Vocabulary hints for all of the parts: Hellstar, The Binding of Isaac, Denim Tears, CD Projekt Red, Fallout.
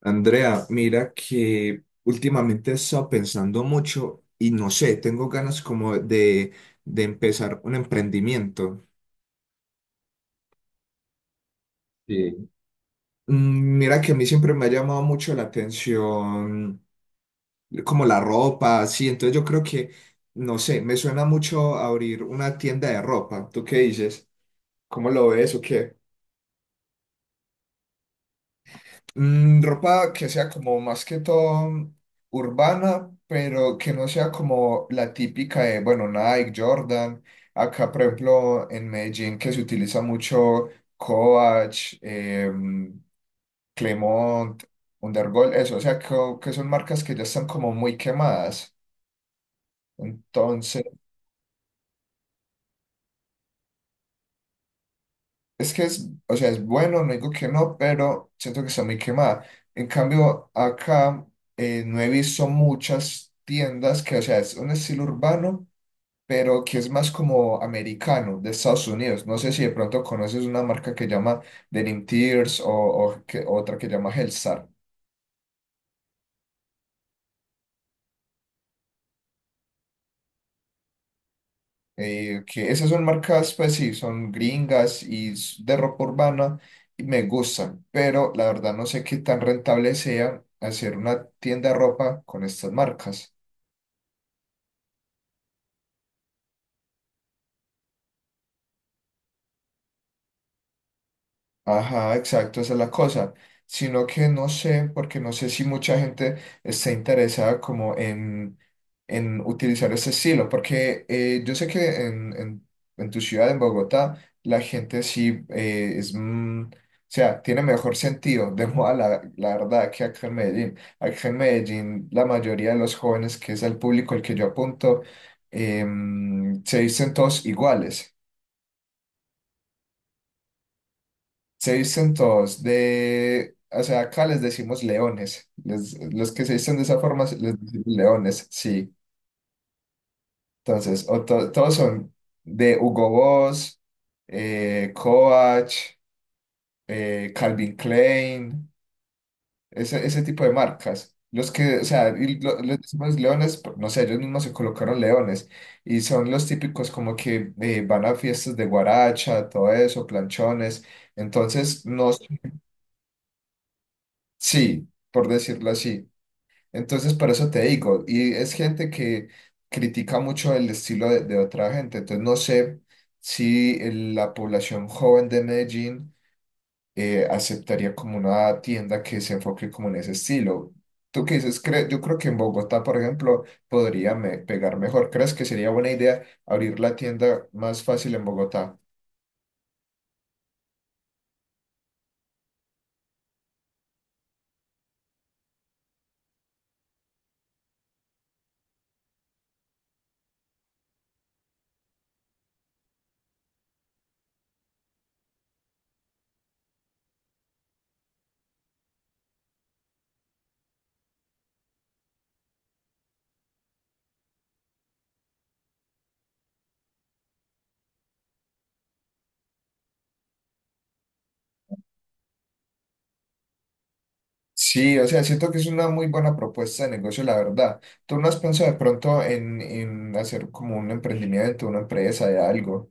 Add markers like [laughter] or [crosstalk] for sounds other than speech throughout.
Andrea, mira que últimamente he estado pensando mucho y no sé, tengo ganas como de empezar un emprendimiento. Sí. Mira que a mí siempre me ha llamado mucho la atención como la ropa, así, entonces yo creo que, no sé, me suena mucho abrir una tienda de ropa. ¿Tú qué dices? ¿Cómo lo ves o qué? Ropa que sea como más que todo urbana, pero que no sea como la típica de, bueno, Nike, Jordan. Acá, por ejemplo, en Medellín, que se utiliza mucho Coach, Clemont, Undergol, eso, o sea, que son marcas que ya están como muy quemadas, entonces. Es que es, o sea, es bueno, no digo que no, pero siento que está muy quemada. En cambio, acá no he visto muchas tiendas que, o sea, es un estilo urbano, pero que es más como americano, de Estados Unidos. No sé si de pronto conoces una marca que llama Denim Tears o otra que llama Hellstar. Que esas son marcas, pues sí, son gringas y de ropa urbana y me gustan, pero la verdad no sé qué tan rentable sea hacer una tienda de ropa con estas marcas. Ajá, exacto, esa es la cosa. Sino que no sé, porque no sé si mucha gente está interesada como en utilizar ese estilo, porque yo sé que en tu ciudad, en Bogotá, la gente sí, es, o sea, tiene mejor sentido [laughs] de moda, la verdad, que acá en Medellín. Acá en Medellín, la mayoría de los jóvenes, que es el público al que yo apunto, se dicen todos iguales. Se visten todos de, o sea, acá les decimos leones. Los que se visten de esa forma les decimos leones, sí. Entonces, todos son de Hugo Boss, Coach, Calvin Klein, ese tipo de marcas. Los que, o sea, y les decimos leones, no sé, ellos mismos se colocaron leones. Y son los típicos como que van a fiestas de guaracha, todo eso, planchones. Entonces, no, sí, por decirlo así. Entonces, por eso te digo, y es gente que critica mucho el estilo de otra gente, entonces no sé si la población joven de Medellín aceptaría como una tienda que se enfoque como en ese estilo. ¿Tú qué dices? Yo creo que en Bogotá, por ejemplo, podría pegar mejor. ¿Crees que sería buena idea abrir la tienda más fácil en Bogotá? Sí, o sea, siento que es una muy buena propuesta de negocio, la verdad. ¿Tú no has pensado de pronto en hacer como un emprendimiento, una empresa de algo?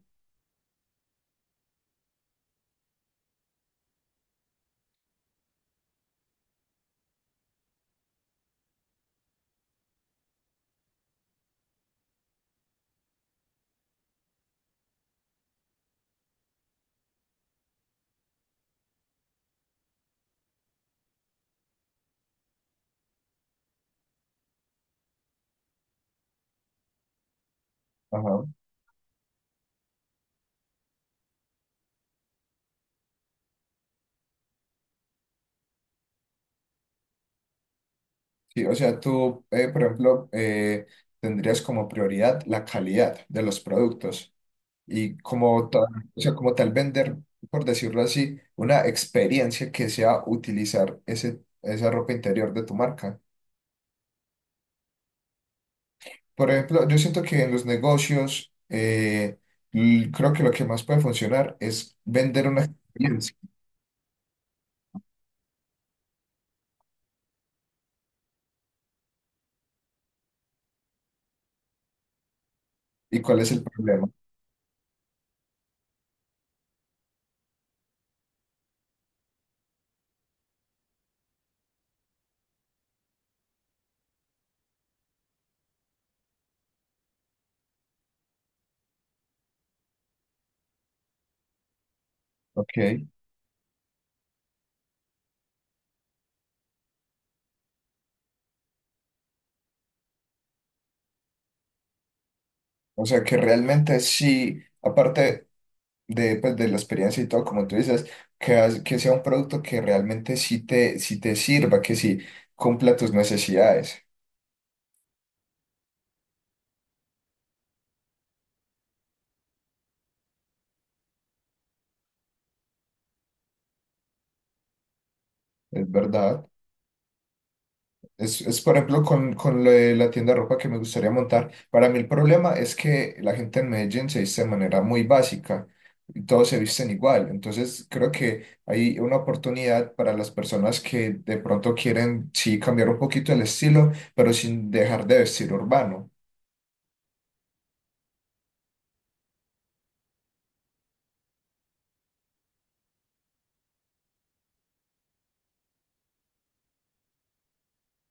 Ajá. Sí, o sea, tú, por ejemplo, tendrías como prioridad la calidad de los productos y como tal, o sea, como tal vender, por decirlo así, una experiencia que sea utilizar ese, esa ropa interior de tu marca. Por ejemplo, yo siento que en los negocios, creo que lo que más puede funcionar es vender una experiencia. ¿Y cuál es el problema? Ok. O sea, que realmente sí, aparte de, pues, de la experiencia y todo, como tú dices, que sea un producto que realmente sí te sirva, que sí cumpla tus necesidades. Es verdad. Es, por ejemplo, con lo de la tienda de ropa que me gustaría montar. Para mí el problema es que la gente en Medellín se viste de manera muy básica y todos se visten igual. Entonces, creo que hay una oportunidad para las personas que de pronto quieren, sí, cambiar un poquito el estilo, pero sin dejar de vestir urbano.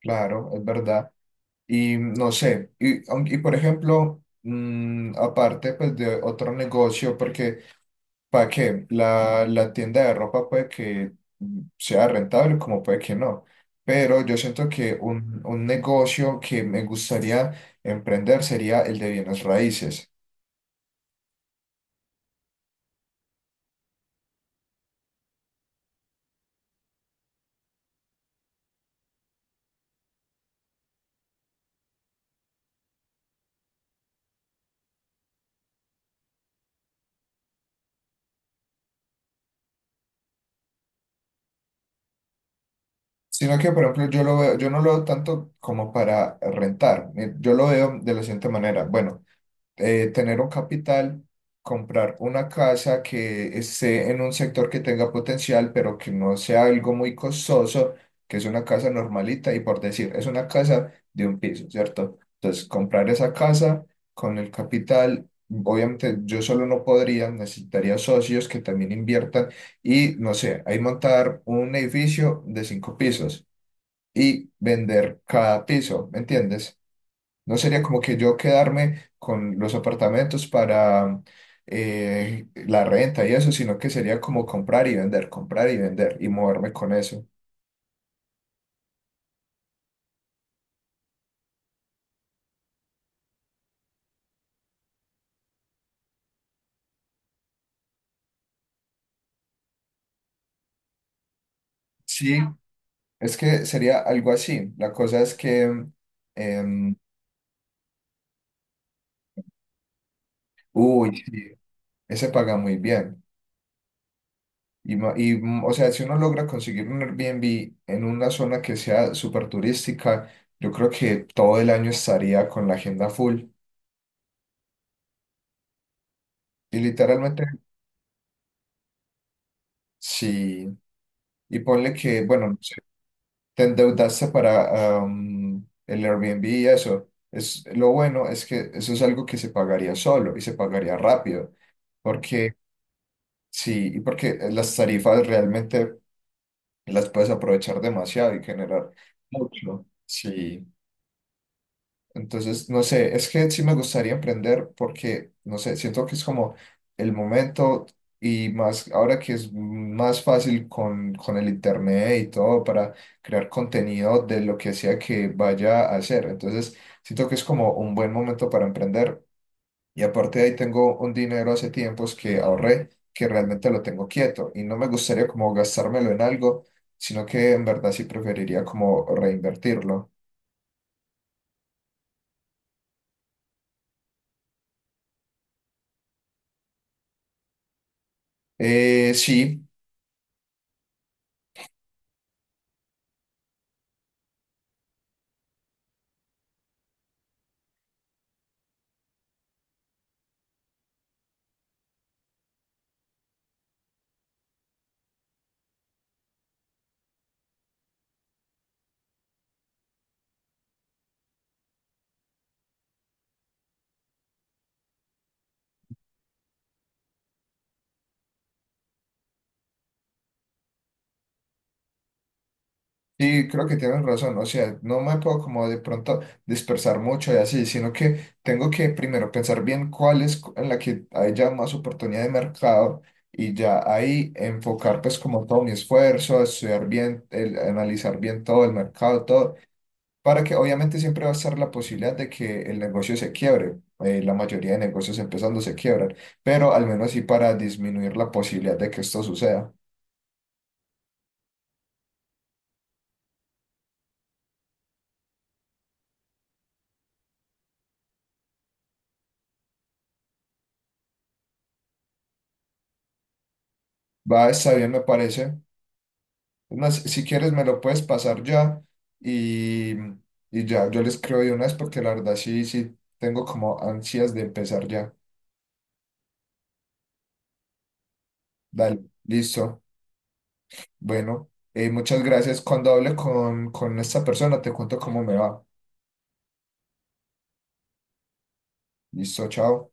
Claro, es verdad. Y no sé, y por ejemplo, aparte pues de otro negocio, porque. ¿Para qué? La tienda de ropa puede que sea rentable, como puede que no. Pero yo siento que un negocio que me gustaría emprender sería el de bienes raíces. Sino que, por ejemplo, yo no lo veo tanto como para rentar. Yo lo veo de la siguiente manera. Bueno, tener un capital, comprar una casa que esté en un sector que tenga potencial, pero que no sea algo muy costoso, que es una casa normalita y por decir, es una casa de un piso, ¿cierto? Entonces, comprar esa casa con el capital. Obviamente yo solo no podría, necesitaría socios que también inviertan y no sé, ahí montar un edificio de cinco pisos y vender cada piso, ¿me entiendes? No sería como que yo quedarme con los apartamentos para la renta y eso, sino que sería como comprar y vender y moverme con eso. Sí, es que sería algo así. La cosa es que, em, uy, sí, ese paga muy bien. Y, o sea, si uno logra conseguir un Airbnb en una zona que sea súper turística, yo creo que todo el año estaría con la agenda full. Y literalmente, sí. Y ponle que, bueno, te endeudaste para el Airbnb y eso. Lo bueno es que eso es algo que se pagaría solo y se pagaría rápido, porque sí, y porque las tarifas realmente las puedes aprovechar demasiado y generar mucho. Sí. Entonces, no sé, es que sí me gustaría emprender porque, no sé, siento que es como el momento y más ahora que es más fácil con el internet y todo para crear contenido de lo que sea que vaya a hacer. Entonces, siento que es como un buen momento para emprender. Y aparte de ahí tengo un dinero hace tiempos que ahorré, que realmente lo tengo quieto y no me gustaría como gastármelo en algo, sino que en verdad sí preferiría como reinvertirlo. Sí. Sí, creo que tienes razón, o sea, no me puedo como de pronto dispersar mucho y así, sino que tengo que primero pensar bien cuál es en la que hay ya más oportunidad de mercado y ya ahí enfocar pues como todo mi esfuerzo, estudiar bien, analizar bien todo el mercado, todo, para que obviamente siempre va a estar la posibilidad de que el negocio se quiebre, la mayoría de negocios empezando se quiebran, pero al menos sí para disminuir la posibilidad de que esto suceda. Va, está bien, me parece. Es más, si quieres me lo puedes pasar ya y, y ya, yo les creo de una vez porque la verdad sí, sí, tengo como ansias de empezar ya. Dale, listo. Bueno, muchas gracias. Cuando hable con esta persona te cuento cómo me va. Listo, chao.